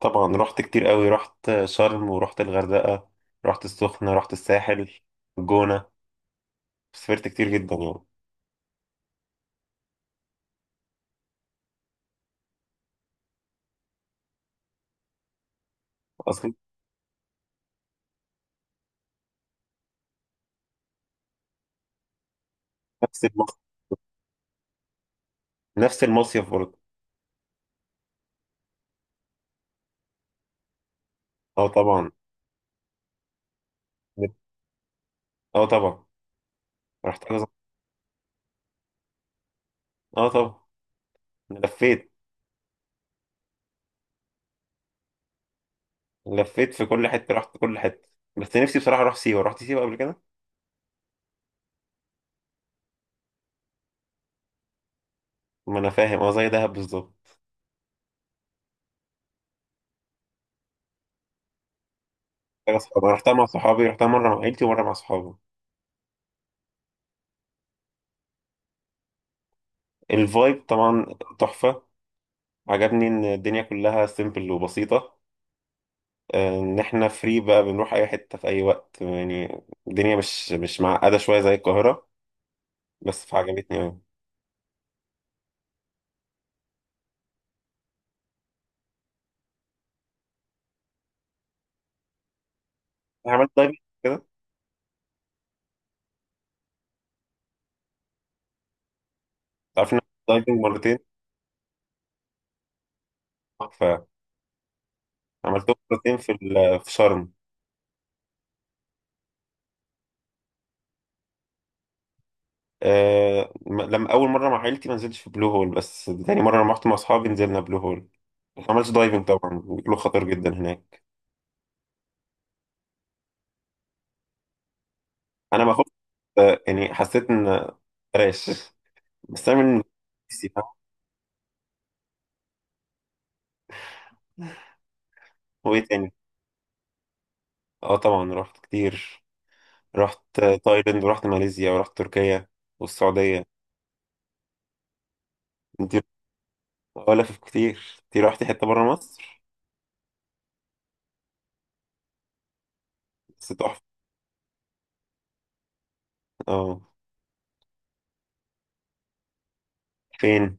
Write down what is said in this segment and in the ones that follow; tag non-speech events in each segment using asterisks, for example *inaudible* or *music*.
طبعا رحت كتير قوي. رحت شرم ورحت الغردقة، رحت السخنة، رحت الساحل، الجونة. سافرت كتير جدا يعني. اصلا نفس المصيف. نفس المصيف برضه. اه طبعا. اه طبعا. رحت كذا. اه طبعا. لفيت. لفيت في كل حتة، رحت كل حتة. بس نفسي بصراحة اروح سيوة. رحت سيوة قبل كده. ما انا فاهم، اه زي دهب بالظبط. خلاص، أنا رحتها مع صحابي، رحتها مرة مع عيلتي ومرة مع صحابي. الفايب طبعا، تحفة. عجبني ان الدنيا كلها سيمبل وبسيطة. ان احنا فري بقى، بنروح اي حته في اي وقت يعني. الدنيا مش معقده شويه زي القاهره. بس فعجبتني قوي. عملت دايفنج كده. تعرف ان أنا عملت دايفنج مرتين؟ فعملتهم مرتين في شرم. أه، لما اول مره مع عيلتي ما نزلتش في بلو هول، بس تاني مره لما رحت مع اصحابي نزلنا بلو هول. ما عملتش دايفنج، طبعا بيقولوا خطر جدا هناك. انا ما خفت. يعني حسيت ان بلاش. بس انا من نفسي، فاهم؟ وايه تاني؟ اه طبعا رحت كتير. رحت تايلاند ورحت ماليزيا ورحت تركيا والسعودية. انت ولف كتير، انت رحتي حتة برا مصر؟ بس تحفة، اه. فين؟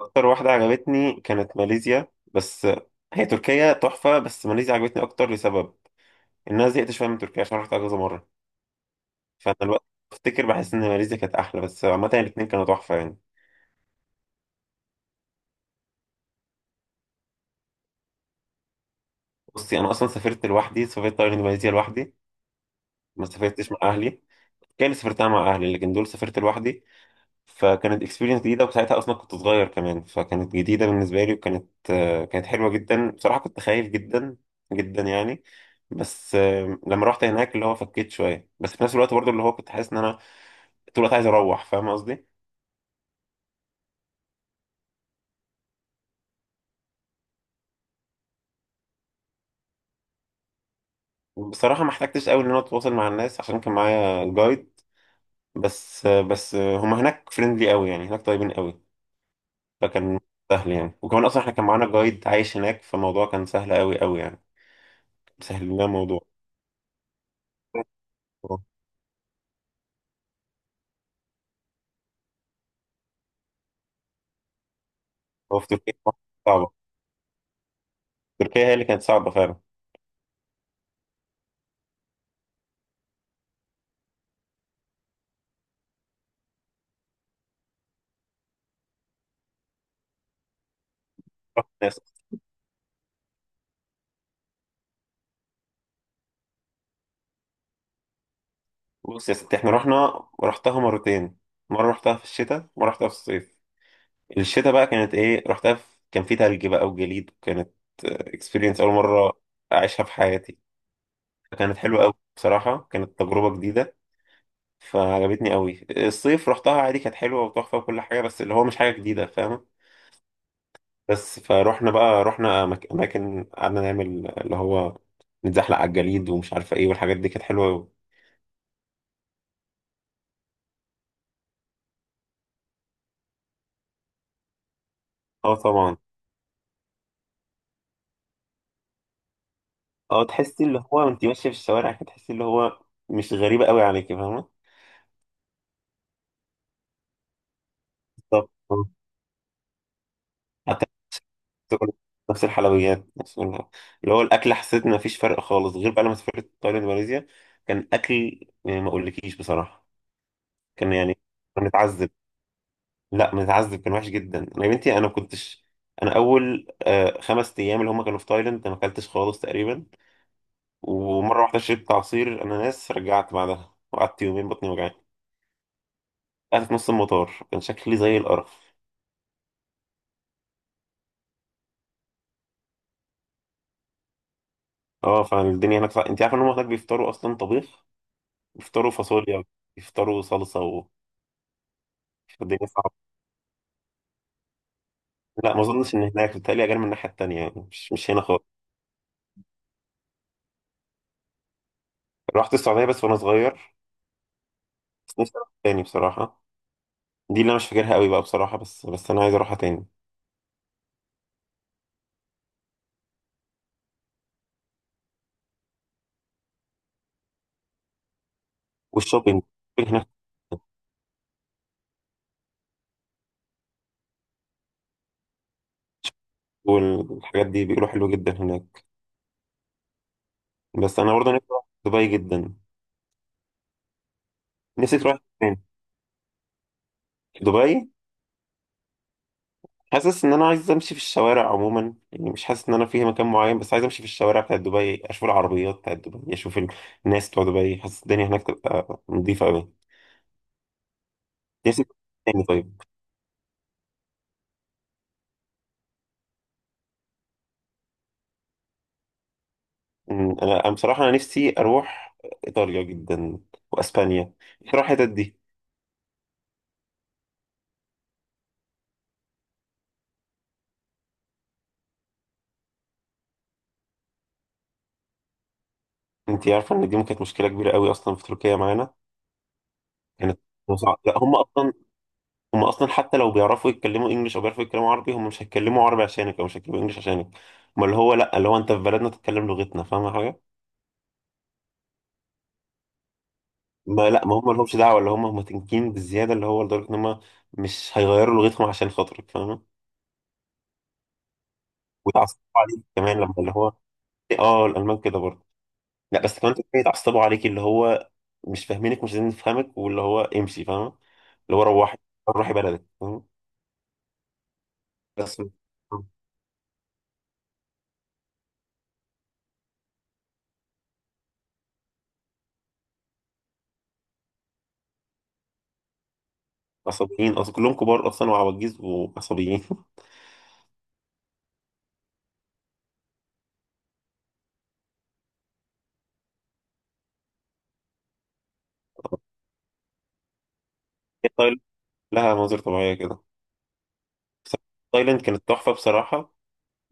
اكتر واحدة عجبتني كانت ماليزيا بس. هي تركيا تحفة، بس ماليزيا عجبتني اكتر، لسبب ان انا زهقت شوية من تركيا عشان رحتها كذا مرة. فانا الوقت بفتكر بحس ان ماليزيا كانت احلى، بس عامة الاتنين كانوا تحفة يعني. بصي، انا اصلا سافرت لوحدي، سافرت تايلاند وماليزيا لوحدي. ما سافرتش مع اهلي. كان سافرتها مع اهلي، لكن دول سافرت لوحدي. فكانت اكسبيرينس جديده، وساعتها اصلا كنت صغير كمان، فكانت جديده بالنسبه لي، وكانت كانت حلوه جدا بصراحه. كنت خايف جدا جدا يعني. بس آه، لما رحت هناك اللي هو فكيت شويه، بس في نفس الوقت برضو اللي هو كنت حاسس ان انا طول الوقت عايز اروح. فاهم قصدي؟ بصراحه ما احتجتش قوي ان انا اتواصل مع الناس عشان كان معايا جايد. بس آه، بس آه، هما هناك فريندلي قوي يعني، هناك طيبين قوي. فكان سهل يعني. وكمان اصلا احنا كان معانا جايد عايش هناك، فالموضوع كان سهل قوي قوي يعني. سهل لنا الموضوع. هو في تركيا صعبة. تركيا هي اللي كانت صعبة فعلا. ناس- بص يا ستي، احنا رحنا رحتها مرتين، مرة رحتها في الشتاء ومرة رحتها في الصيف. الشتاء بقى كانت ايه، رحتها في... كان في تلج بقى وجليد، وكانت اكسبيرينس أول مرة أعيشها في حياتي. كانت حلوة أوي بصراحة، كانت تجربة جديدة، فعجبتني أوي. الصيف رحتها عادي، كانت حلوة وتحفة وكل حاجة، بس اللي هو مش حاجة جديدة، فاهمة؟ بس فروحنا بقى، رحنا أماكن قعدنا نعمل اللي هو نتزحلق على الجليد ومش عارفة ايه، والحاجات دي كانت حلوة أوي. اه طبعا. اه تحسي اللي هو وانت ماشيه في الشوارع كده تحسي اللي هو مش غريبه قوي عليكي، فاهمه؟ بالظبط، اه. حتى نفس الحلويات، اللي هو الاكل، حسيت ان مفيش فرق خالص. غير بقى لما سافرت تايلاند وماليزيا، كان اكل يعني ما اقولكيش بصراحه. كان يعني كنا بنتعذب. لا بنتعذب، كان وحش جدا. انا يا بنتي انا ما كنتش، انا اول خمس ايام اللي هم كانوا في تايلاند أنا ما اكلتش خالص تقريبا. ومره واحده شربت عصير اناناس، رجعت بعدها وقعدت يومين بطني وجعاني. قعدت في نص المطار كان شكلي زي القرف. اه، فالدنيا هناك صع... انت عارف ان هم هناك بيفطروا اصلا طبيخ؟ بيفطروا فاصوليا، بيفطروا صلصه و... الدنيا صعبه. لا ما اظنش ان هناك، بتهيألي اجل من الناحيه التانيه يعني، مش هنا خالص. رحت السعوديه بس وانا صغير. بس نفسي اروح تاني بصراحه. دي اللي انا مش فاكرها قوي بقى بصراحه، بس انا عايز اروحها تاني. والشوبينج، الشوبينج هناك والحاجات دي بيقولوا حلوه جدا هناك. بس انا برضه نفسي اروح دبي جدا. نفسي تروح فين؟ دبي. حاسس ان انا عايز امشي في الشوارع عموما يعني، مش حاسس ان انا فيه مكان معين، بس عايز امشي في الشوارع بتاعت دبي، اشوف العربيات بتاعت دبي، اشوف الناس بتوع دبي. حاسس الدنيا هناك تبقى نظيفه قوي. نفسي. تاني طيب. أمم، انا أنا بصراحه انا نفسي اروح ايطاليا جدا، واسبانيا بصراحه، الحتت دي. انت عارفه ان دي ممكن كانت مشكله كبيره قوي اصلا في تركيا معانا؟ كانت صعب. لا هم اصلا، هم اصلا حتى لو بيعرفوا يتكلموا انجلش او بيعرفوا يتكلموا عربي، هم مش هيتكلموا عربي عشانك او مش هيتكلموا انجلش عشانك. ما اللي هو لا، اللي هو انت في بلدنا تتكلم لغتنا، فاهم حاجه؟ ما لا، ما هم مالهمش دعوه، اللي هم هم تنكين بالزياده، اللي هو لدرجه ان هم مش هيغيروا لغتهم عشان خاطرك، فاهمه؟ ويتعصبوا عليك كمان لما اللي هو، اه الالمان كده برضه. لا بس كمان تلاقيهم يتعصبوا عليك، اللي هو مش فاهمينك مش عايزين نفهمك، واللي هو امشي، فاهمه؟ اللي هو روحي، روحي بلدك، فاهمه؟ بس عصبيين، اصل كلهم كبار اصلا وعواجيز وعصبيين. *laughs* هي تايلاند لها مناظر طبيعيه كده، بس تايلاند كانت تحفه بصراحه.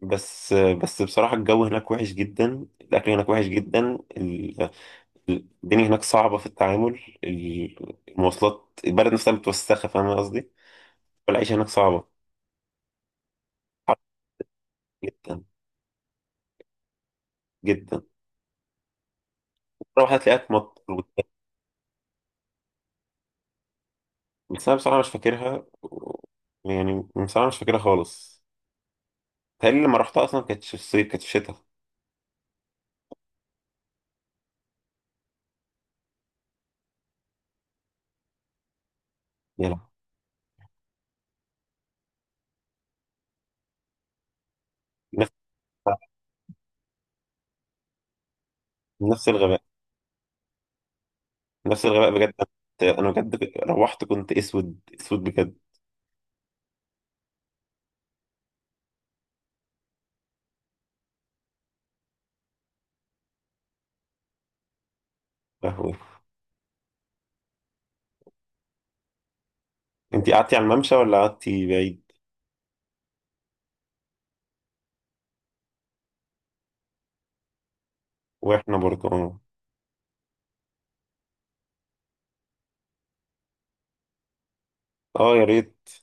بس بس بصراحه الجو هناك وحش جدا، الاكل هناك وحش جدا، الدنيا هناك صعبة في التعامل، المواصلات، البلد نفسها متوسخة، فاهم قصدي؟ والعيشة هناك صعبة. حر جدا جدا. مرة واحدة هتلاقيها تمطر. بس أنا بصراحة مش فاكرها يعني بصراحة مش فاكرها خالص. بيتهيألي لما رحتها أصلا كانت في الصيف، كانت في الشتاء يعني. نفس نفس الغباء، نفس الغباء بجد. أنا بجد روحت كنت أسود أسود بجد. أنت قعدتي على الممشى ولا قعدتي بعيد؟ وإحنا برضه أه. يا ريت.